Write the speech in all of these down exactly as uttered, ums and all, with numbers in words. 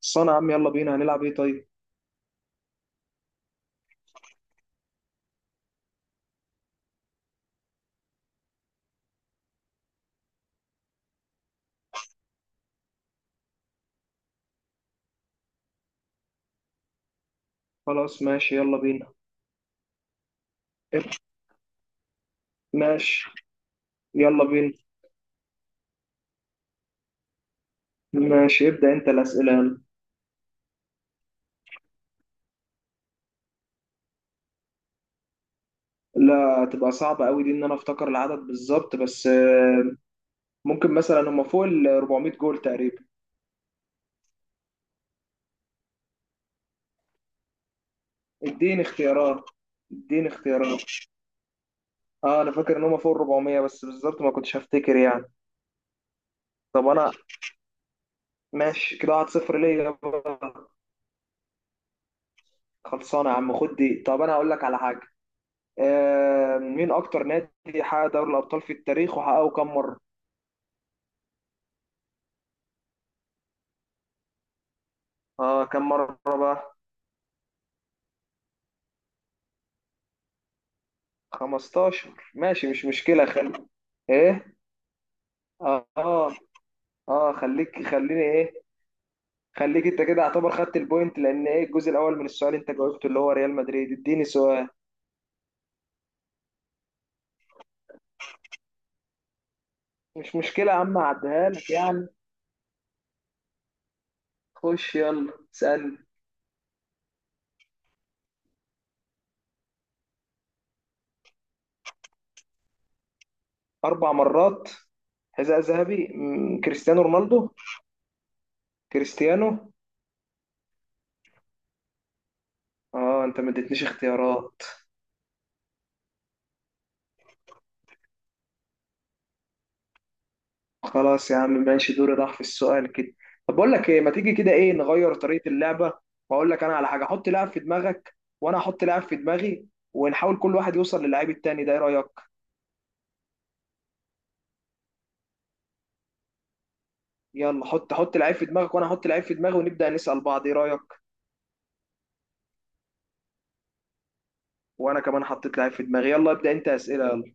صنع يا عم، يلا بينا. هنلعب ايه؟ طيب خلاص، ماشي. يلا بينا. اب- ماشي يلا بينا. ماشي، ابدأ انت الأسئلة يلا. لا، تبقى صعبة قوي دي ان انا افتكر العدد بالظبط، بس آه، ممكن مثلا هم فوق ال اربعمية جول تقريبا. اديني اختيارات، اديني اختيارات. اه انا فاكر ان هم فوق ال اربعمية بس بالظبط ما كنتش هفتكر يعني. طب انا ماشي كده واحد صفر ليا بقى. خلصانه يا عم، خد دي. طب انا هقول لك على حاجه. آه، مين اكتر نادي حقق دوري الابطال في التاريخ وحققه كم مره؟ اه كم مرة بقى؟ خمستاشر؟ ماشي، مش مشكلة. خلي ايه. اه، اه. آه، خليك خليني ايه، خليك انت كده، اعتبر خدت البوينت، لان ايه، الجزء الاول من السؤال انت جاوبته، اللي هو ريال مدريد. اديني سؤال. مش مشكلة يا عم، اعديها لك يعني. خش يلا اسألني. اربع مرات؟ حذاء ذهبي، مم، كريستيانو رونالدو. كريستيانو. اه انت ما اديتنيش اختيارات. خلاص يا عم، ماشي، دوري راح في السؤال كده. طب بقول لك ايه، ما تيجي كده ايه نغير طريقة اللعبة، واقول لك انا على حاجة، حط لاعب في دماغك، وانا احط لاعب في دماغي، ونحاول كل واحد يوصل للعيب التاني. ده ايه رأيك؟ يلا حط حط لعيب في دماغك، وانا احط لعيب في دماغي، ونبدأ نسأل بعض. ايه رأيك؟ وانا كمان حطيت لعيب في دماغي. يلا ابدأ انت أسئلة يلا.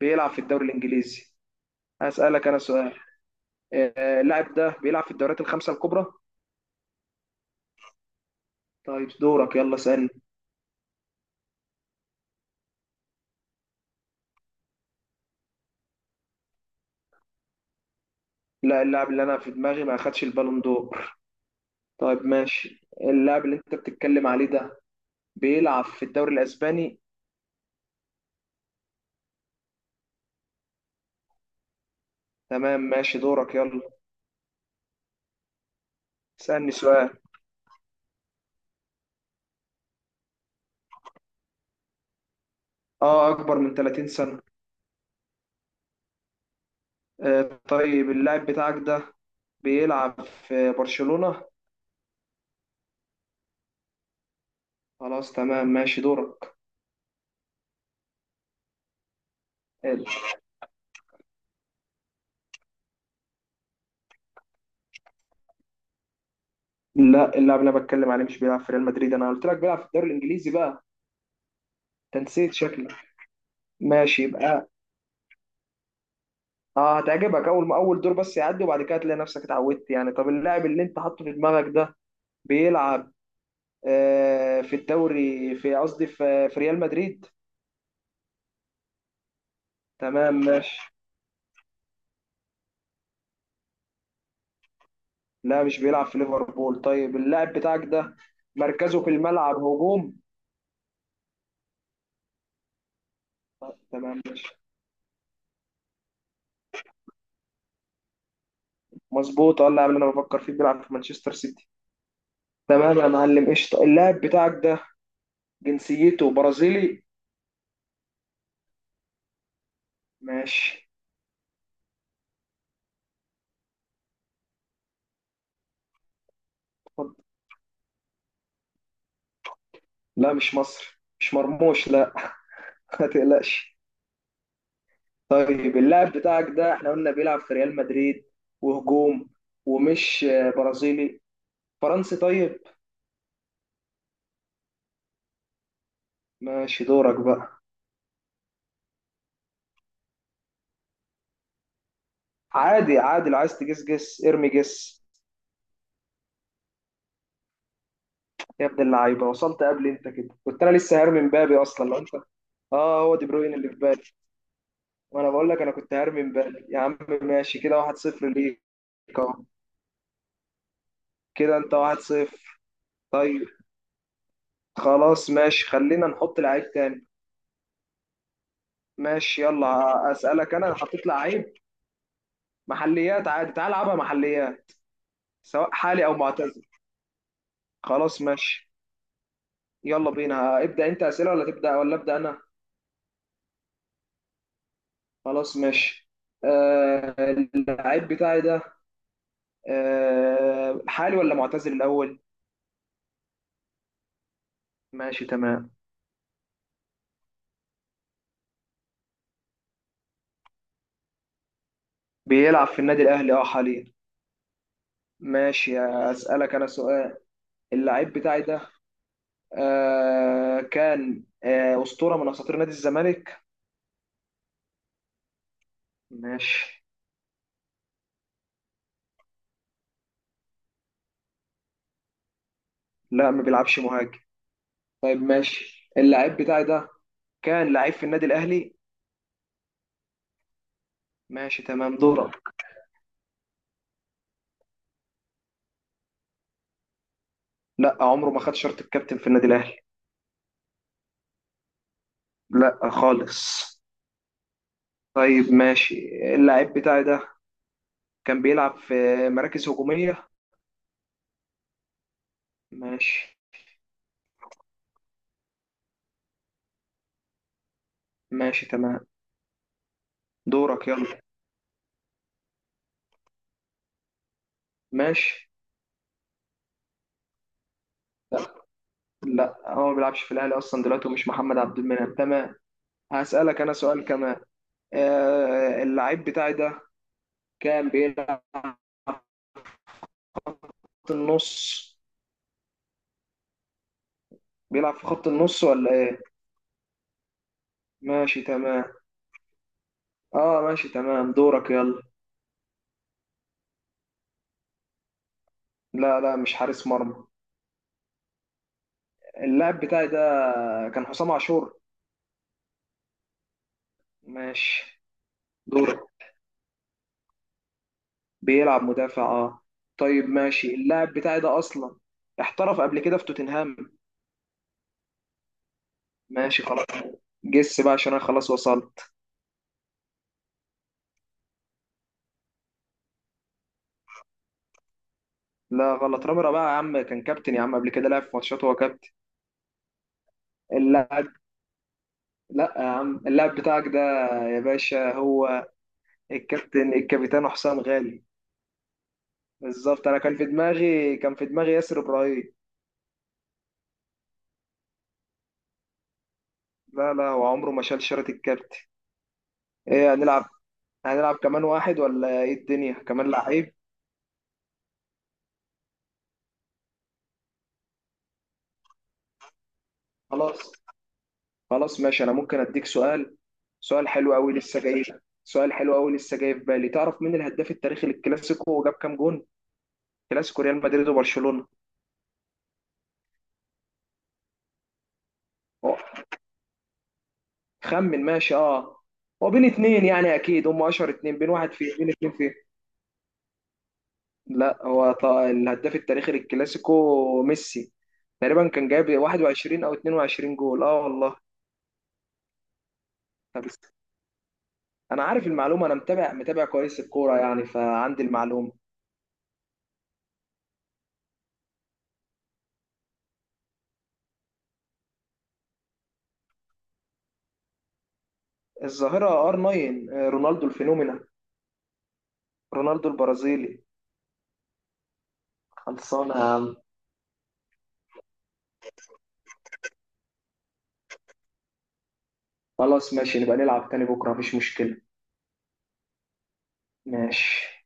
بيلعب في الدوري الانجليزي. هسألك انا سؤال. آه، اللاعب ده بيلعب في الدوريات الخمسة الكبرى؟ طيب دورك، يلا اسألني. لا، اللاعب اللي انا في دماغي ما اخدش البالون دور. طيب ماشي، اللاعب اللي انت بتتكلم عليه ده بيلعب في الدوري الاسباني. تمام، ماشي دورك يلا. اسألني سؤال. اه، اكبر من تلاتين سنة. آه طيب، اللاعب بتاعك ده بيلعب في برشلونة؟ خلاص تمام، ماشي دورك. آه، لا، اللاعب اللي انا بتكلم عليه مش بيلعب في ريال مدريد، انا قلت لك بيلعب في الدوري الانجليزي بقى. انت نسيت شكلك. ماشي يبقى، اه هتعجبك اول ما اول دور، بس يعدي وبعد كده هتلاقي نفسك اتعودت يعني. طب اللاعب اللي انت حاطه في دماغك ده بيلعب آه، في الدوري في قصدي في في ريال مدريد. تمام ماشي. لا، مش بيلعب في ليفربول. طيب اللاعب بتاعك ده مركزه في الملعب هجوم. طيب، تمام ماشي. مظبوط، اه اللاعب اللي انا بفكر فيه بيلعب في مانشستر سيتي. تمام يا معلم، قشطة. اللاعب بتاعك ده جنسيته برازيلي؟ ماشي. اتفضل. لا، مش مصري، مش مرموش لا. ما تقلقش. طيب اللاعب بتاعك ده احنا قلنا بيلعب في ريال مدريد وهجوم ومش آه، برازيلي، فرنسي طيب؟ ماشي دورك بقى. عادي عادي، لو عايز تجس جس، ارمي جس. يا ابن اللعيبه، وصلت قبل انت كده، كنت انا لسه هرمي مبابي اصلا لو انت. اه هو دي بروين اللي في بالي، وانا بقول لك انا كنت هرمي مبابي يا عم. ماشي كده واحد صفر ليك. اهو كده انت واحد صفر. طيب خلاص ماشي، خلينا نحط لعيب تاني. ماشي، يلا اسالك انا. أنا حطيت لعيب. محليات عادي، تعال العبها محليات. سواء حالي او معتزل. خلاص ماشي، يلا بينا. ابدا انت اسئله ولا تبدا، ولا ابدا انا؟ خلاص ماشي. آه، اللعيب بتاعي ده آه، حالي ولا معتزل الأول؟ ماشي تمام. بيلعب في النادي الأهلي اه حاليا. ماشي. أسألك أنا سؤال. اللعيب بتاعي ده آه كان آه أسطورة من أساطير نادي الزمالك؟ ماشي. لا، ما بيلعبش مهاجم. طيب ماشي، اللعيب بتاعي ده كان لعيب في النادي الأهلي؟ ماشي تمام دورك. لا، عمره ما خد شرط الكابتن في النادي الأهلي. لا خالص. طيب ماشي، اللعيب بتاعي ده كان بيلعب في مراكز هجومية. ماشي. ماشي تمام دورك يلا. ماشي. لا لا، هو ما بيلعبش في الأهلي أصلا دلوقتي، ومش محمد عبد المنعم. تمام. هسألك أنا سؤال كمان. آه اللعيب بتاعي ده كان بيلعب في خط النص. بيلعب في خط النص ولا إيه؟ ماشي تمام. اه ماشي تمام دورك يلا. لا لا، مش حارس مرمى. اللاعب بتاعي ده كان حسام عاشور؟ ماشي دورك. بيلعب مدافع اه. طيب ماشي، اللاعب بتاعي ده اصلا احترف قبل كده في توتنهام. ماشي خلاص، جس بقى عشان انا خلاص وصلت. لا غلط، رامي بقى يا عم كان كابتن يا عم، قبل كده لعب في ماتشات وهو كابتن. اللاعب لا يا عم، اللاعب بتاعك ده يا باشا هو الكابتن الكابتن حسام غالي. بالظبط، انا كان في دماغي كان في دماغي ياسر ابراهيم. لا لا، هو عمره ما شال شارة الكابتن. ايه، هنلعب؟ هنلعب كمان واحد ولا ايه الدنيا، كمان لعيب؟ خلاص. خلاص ماشي، انا ممكن اديك سؤال. سؤال حلو قوي لسه جاي، سؤال حلو قوي لسه جاي في بالي. تعرف مين الهداف التاريخي للكلاسيكو وجاب كام جون؟ كلاسيكو ريال مدريد وبرشلونة. أه، خمن ماشي اه. هو بين اتنين يعني اكيد، هم اشهر اتنين. بين واحد فيه بين اتنين فيه. لا هو، ط- الهداف التاريخي للكلاسيكو ميسي، تقريبا كان جايب واحد وعشرين او اتنين وعشرين جول اه والله. طب است- انا عارف المعلومه، انا متابع متابع كويس الكوره يعني، فعندي المعلومه. الظاهره ار تسعة، رونالدو الفينومينا، رونالدو البرازيلي. خلصانة يا عم. خلاص ماشي، نبقى نلعب تاني بكرة، مفيش مشكلة. ماشي.